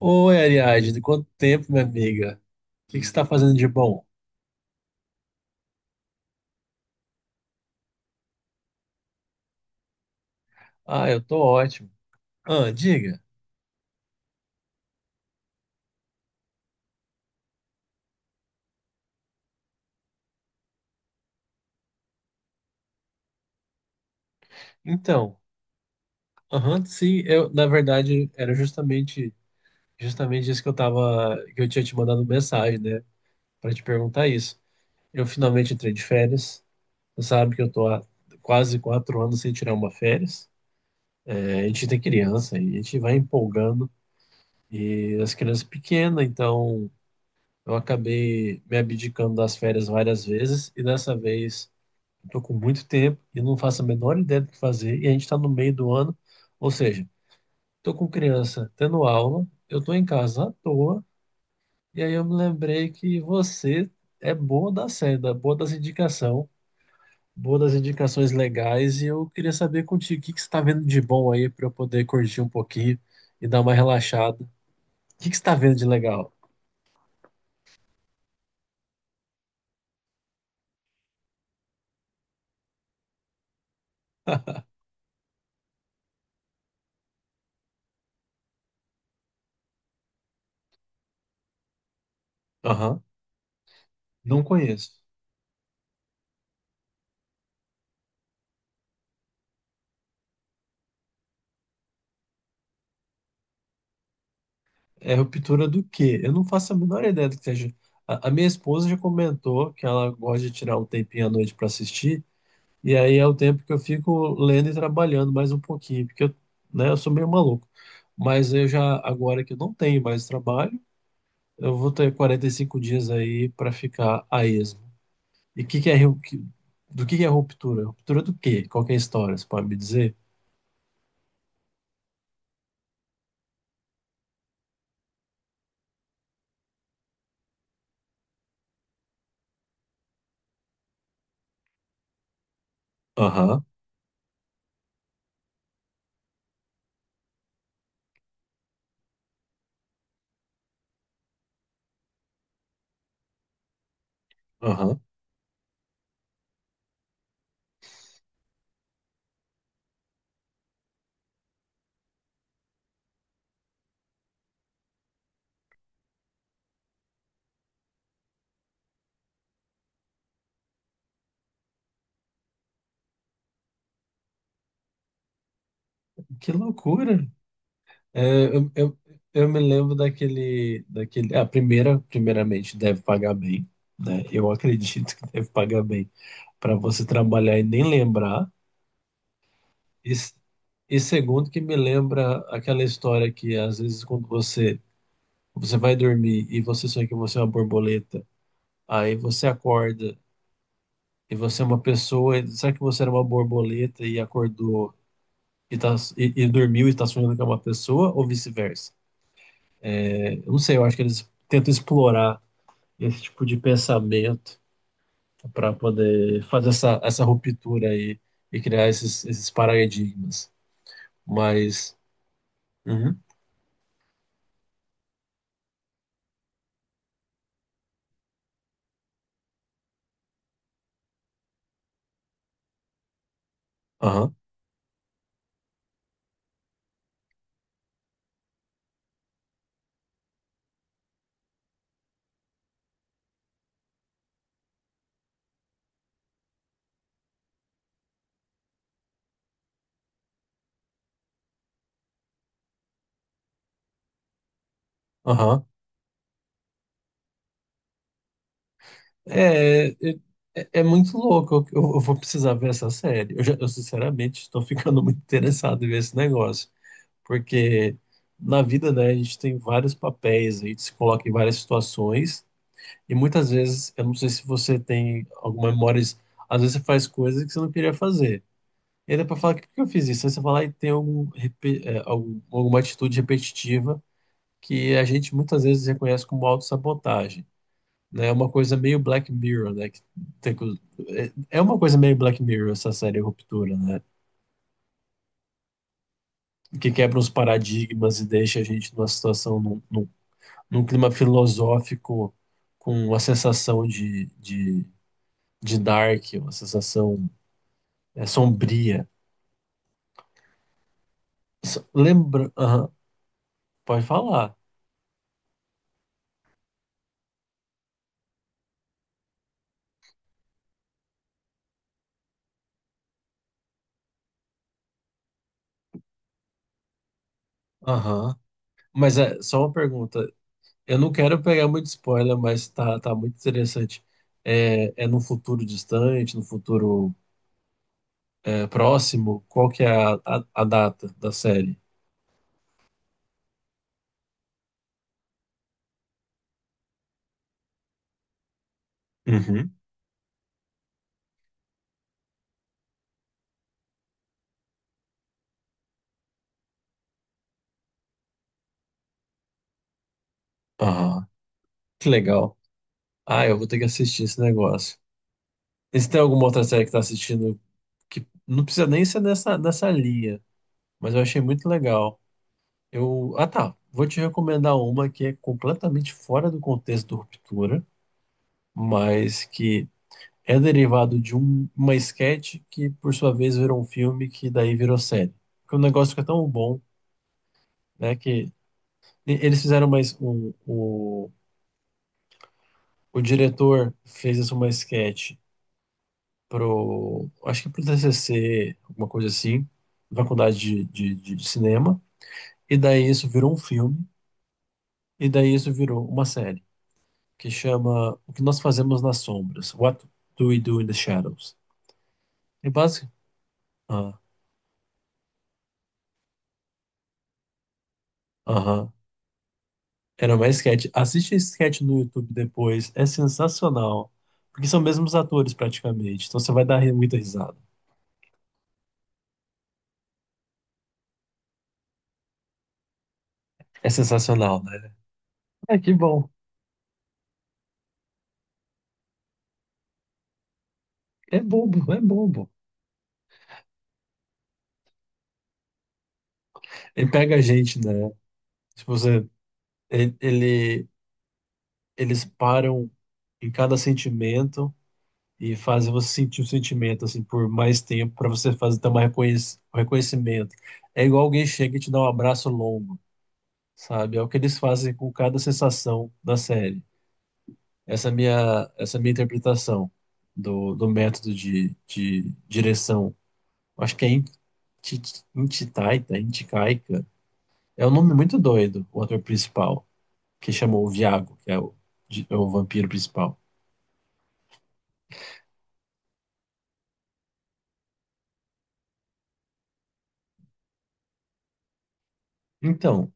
Oi, Ariadne, de quanto tempo, minha amiga? O que que você está fazendo de bom? Ah, eu tô ótimo. Ah, diga. Então, aham, sim, eu, na verdade, era justamente, justamente isso que eu tava, que eu tinha te mandado mensagem, né, para te perguntar isso. Eu finalmente entrei de férias. Você sabe que eu tô há quase quatro anos sem tirar uma férias. É, a gente tem criança e a gente vai empolgando e as crianças pequenas, então eu acabei me abdicando das férias várias vezes e dessa vez estou com muito tempo e não faço a menor ideia do que fazer. E a gente está no meio do ano, ou seja, estou com criança tendo aula, eu estou em casa à toa. E aí eu me lembrei que você é boa da seda, boa das indicação, boa das indicações legais. E eu queria saber contigo o que que você está vendo de bom aí para eu poder curtir um pouquinho e dar uma relaxada. O que que você está vendo de legal? Aham, não conheço. É ruptura do quê? Eu não faço a menor ideia do que seja. A minha esposa já comentou que ela gosta de tirar um tempinho à noite para assistir, e aí é o tempo que eu fico lendo e trabalhando mais um pouquinho, porque eu, né, eu sou meio maluco. Mas eu já, agora que eu não tenho mais trabalho, eu vou ter 45 dias aí para ficar a esmo. E que é, do que é ruptura? Ruptura do quê? Qual que é a história? Você pode me dizer? Aham, aham. Que loucura! É, eu me lembro daquele. A primeira, primeiramente, deve pagar bem, né? Eu acredito que deve pagar bem para você trabalhar e nem lembrar. E, s- e segundo, que me lembra aquela história que às vezes quando você vai dormir e você sonha que você é uma borboleta, aí você acorda e você é uma pessoa. E será que você era uma borboleta e acordou e dormiu e está sonhando que é uma pessoa ou vice-versa? É, eu não sei, eu acho que eles tentam explorar esse tipo de pensamento para poder fazer essa ruptura aí e criar esses paradigmas. Mas, uhum, aham, aham. É, é, é é muito louco. Eu vou precisar ver essa série. Eu sinceramente estou ficando muito interessado em ver esse negócio, porque na vida, né, a gente tem vários papéis, a gente se coloca em várias situações e muitas vezes, eu não sei se você tem alguma memória, às vezes você faz coisas que você não queria fazer. E aí depois fala, por que que eu fiz isso? Aí você fala, e tem alguma atitude repetitiva que a gente muitas vezes reconhece como autossabotagem, né? É uma coisa meio Black Mirror, né? Tem co- é é uma coisa meio Black Mirror essa série Ruptura, né? Que quebra os paradigmas e deixa a gente numa situação, num clima filosófico, com uma de dark, uma sensação é, sombria. Lembra... Aham, pode falar. Aham. Mas é só uma pergunta. Eu não quero pegar muito spoiler, mas tá muito interessante. É, é no futuro distante, no futuro é, próximo? Qual que é a data da série? Uhum. Ah, que legal. Ah, eu vou ter que assistir esse negócio. E se tem alguma outra série que tá assistindo que não precisa nem ser nessa linha, mas eu achei muito legal. Eu, ah, tá. Vou te recomendar uma que é completamente fora do contexto do Ruptura, mas que é derivado de uma sketch que, por sua vez, virou um filme que daí virou série. Porque o negócio fica tão bom, né, que eles fizeram mais um, o diretor fez essa uma sketch pro, acho que pro TCC, alguma coisa assim, faculdade de cinema, e daí isso virou um filme, e daí isso virou uma série, que chama O que Nós Fazemos nas Sombras, What Do We Do in the Shadows? E basic... Ah, aham. Era mais sketch. Assiste esse sketch no YouTube depois. É sensacional. Porque são mesmos atores praticamente. Então você vai muita risada. É sensacional, né? É que bom. É bobo. Ele pega a gente, né? Se você, ele, ele- eles param em cada sentimento e fazem você sentir o sentimento assim por mais tempo para você fazer ter um reconhecimento. É igual alguém chega e te dá um abraço longo, sabe? É o que eles fazem com cada sensação da série. Essa minha interpretação do método de direção. Acho que é Ti- Inticaica. É um nome muito doido, o ator principal, que chamou o Viago, que é é o vampiro principal. Então,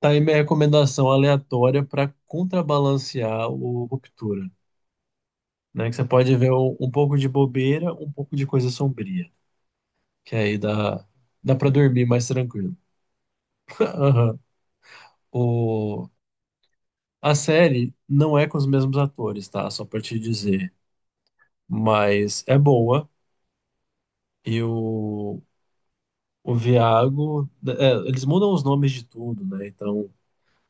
tá aí minha recomendação aleatória para contrabalancear o Ruptura, né? Que você pode ver um pouco de bobeira, um pouco de coisa sombria, que aí dá, dá para dormir mais tranquilo. Aham. O- A série não é com os mesmos atores, tá? Só pra te dizer. Mas é boa. E o Viago. É, eles mudam os nomes de tudo, né? Então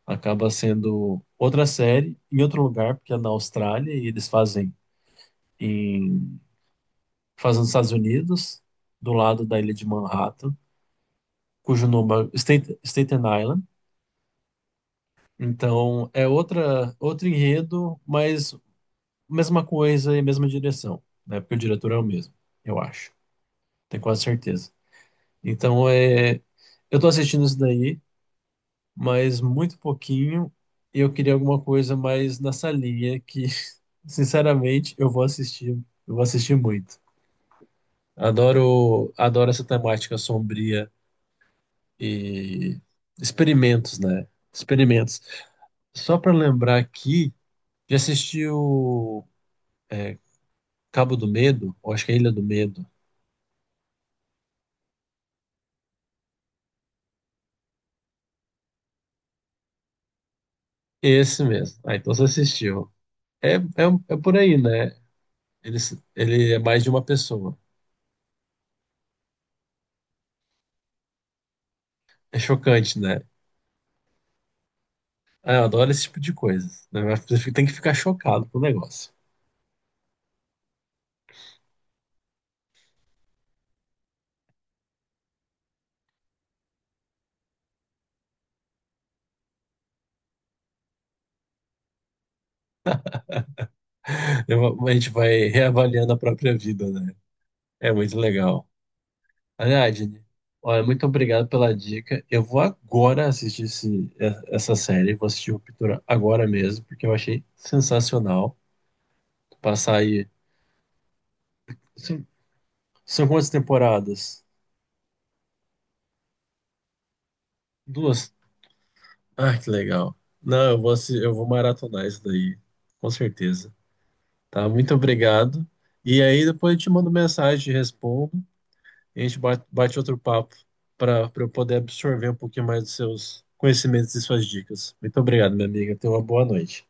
acaba sendo outra série em outro lugar, porque é na Austrália e eles fazem em fazem nos Estados Unidos, do lado da ilha de Manhattan, cujo nome é Staten Island. Então é outra, outro enredo, mas mesma coisa e mesma direção, né? Porque o diretor é o mesmo, eu acho. Tenho quase certeza. Então, é, eu tô assistindo isso daí, mas muito pouquinho, e eu queria alguma coisa mais nessa linha que, sinceramente, eu vou assistir muito. Adoro, adoro essa temática sombria e experimentos, né? Experimentos. Só para lembrar aqui, já assistiu Cabo do Medo? Ou acho que é Ilha do Medo. Esse mesmo. Ah, então você assistiu. É, é, é por aí, né? Ele, ele é mais de uma pessoa. É chocante, né? Ah, eu adoro esse tipo de coisa, né? Mas você tem que ficar chocado com o negócio. A gente vai reavaliando a própria vida, né? É muito legal. Aliás, Jenny, olha, muito obrigado pela dica. Eu vou agora assistir essa série, vou assistir o Ruptura agora mesmo, porque eu achei sensacional. Passar aí. São, são quantas temporadas? Duas? Ah, que legal. Não, eu vou, eu vou maratonar isso daí, com certeza. Tá, muito obrigado. E aí depois eu te mando mensagem, te respondo, e a gente bate outro papo para eu poder absorver um pouquinho mais dos seus conhecimentos e suas dicas. Muito obrigado, minha amiga. Tenha uma boa noite.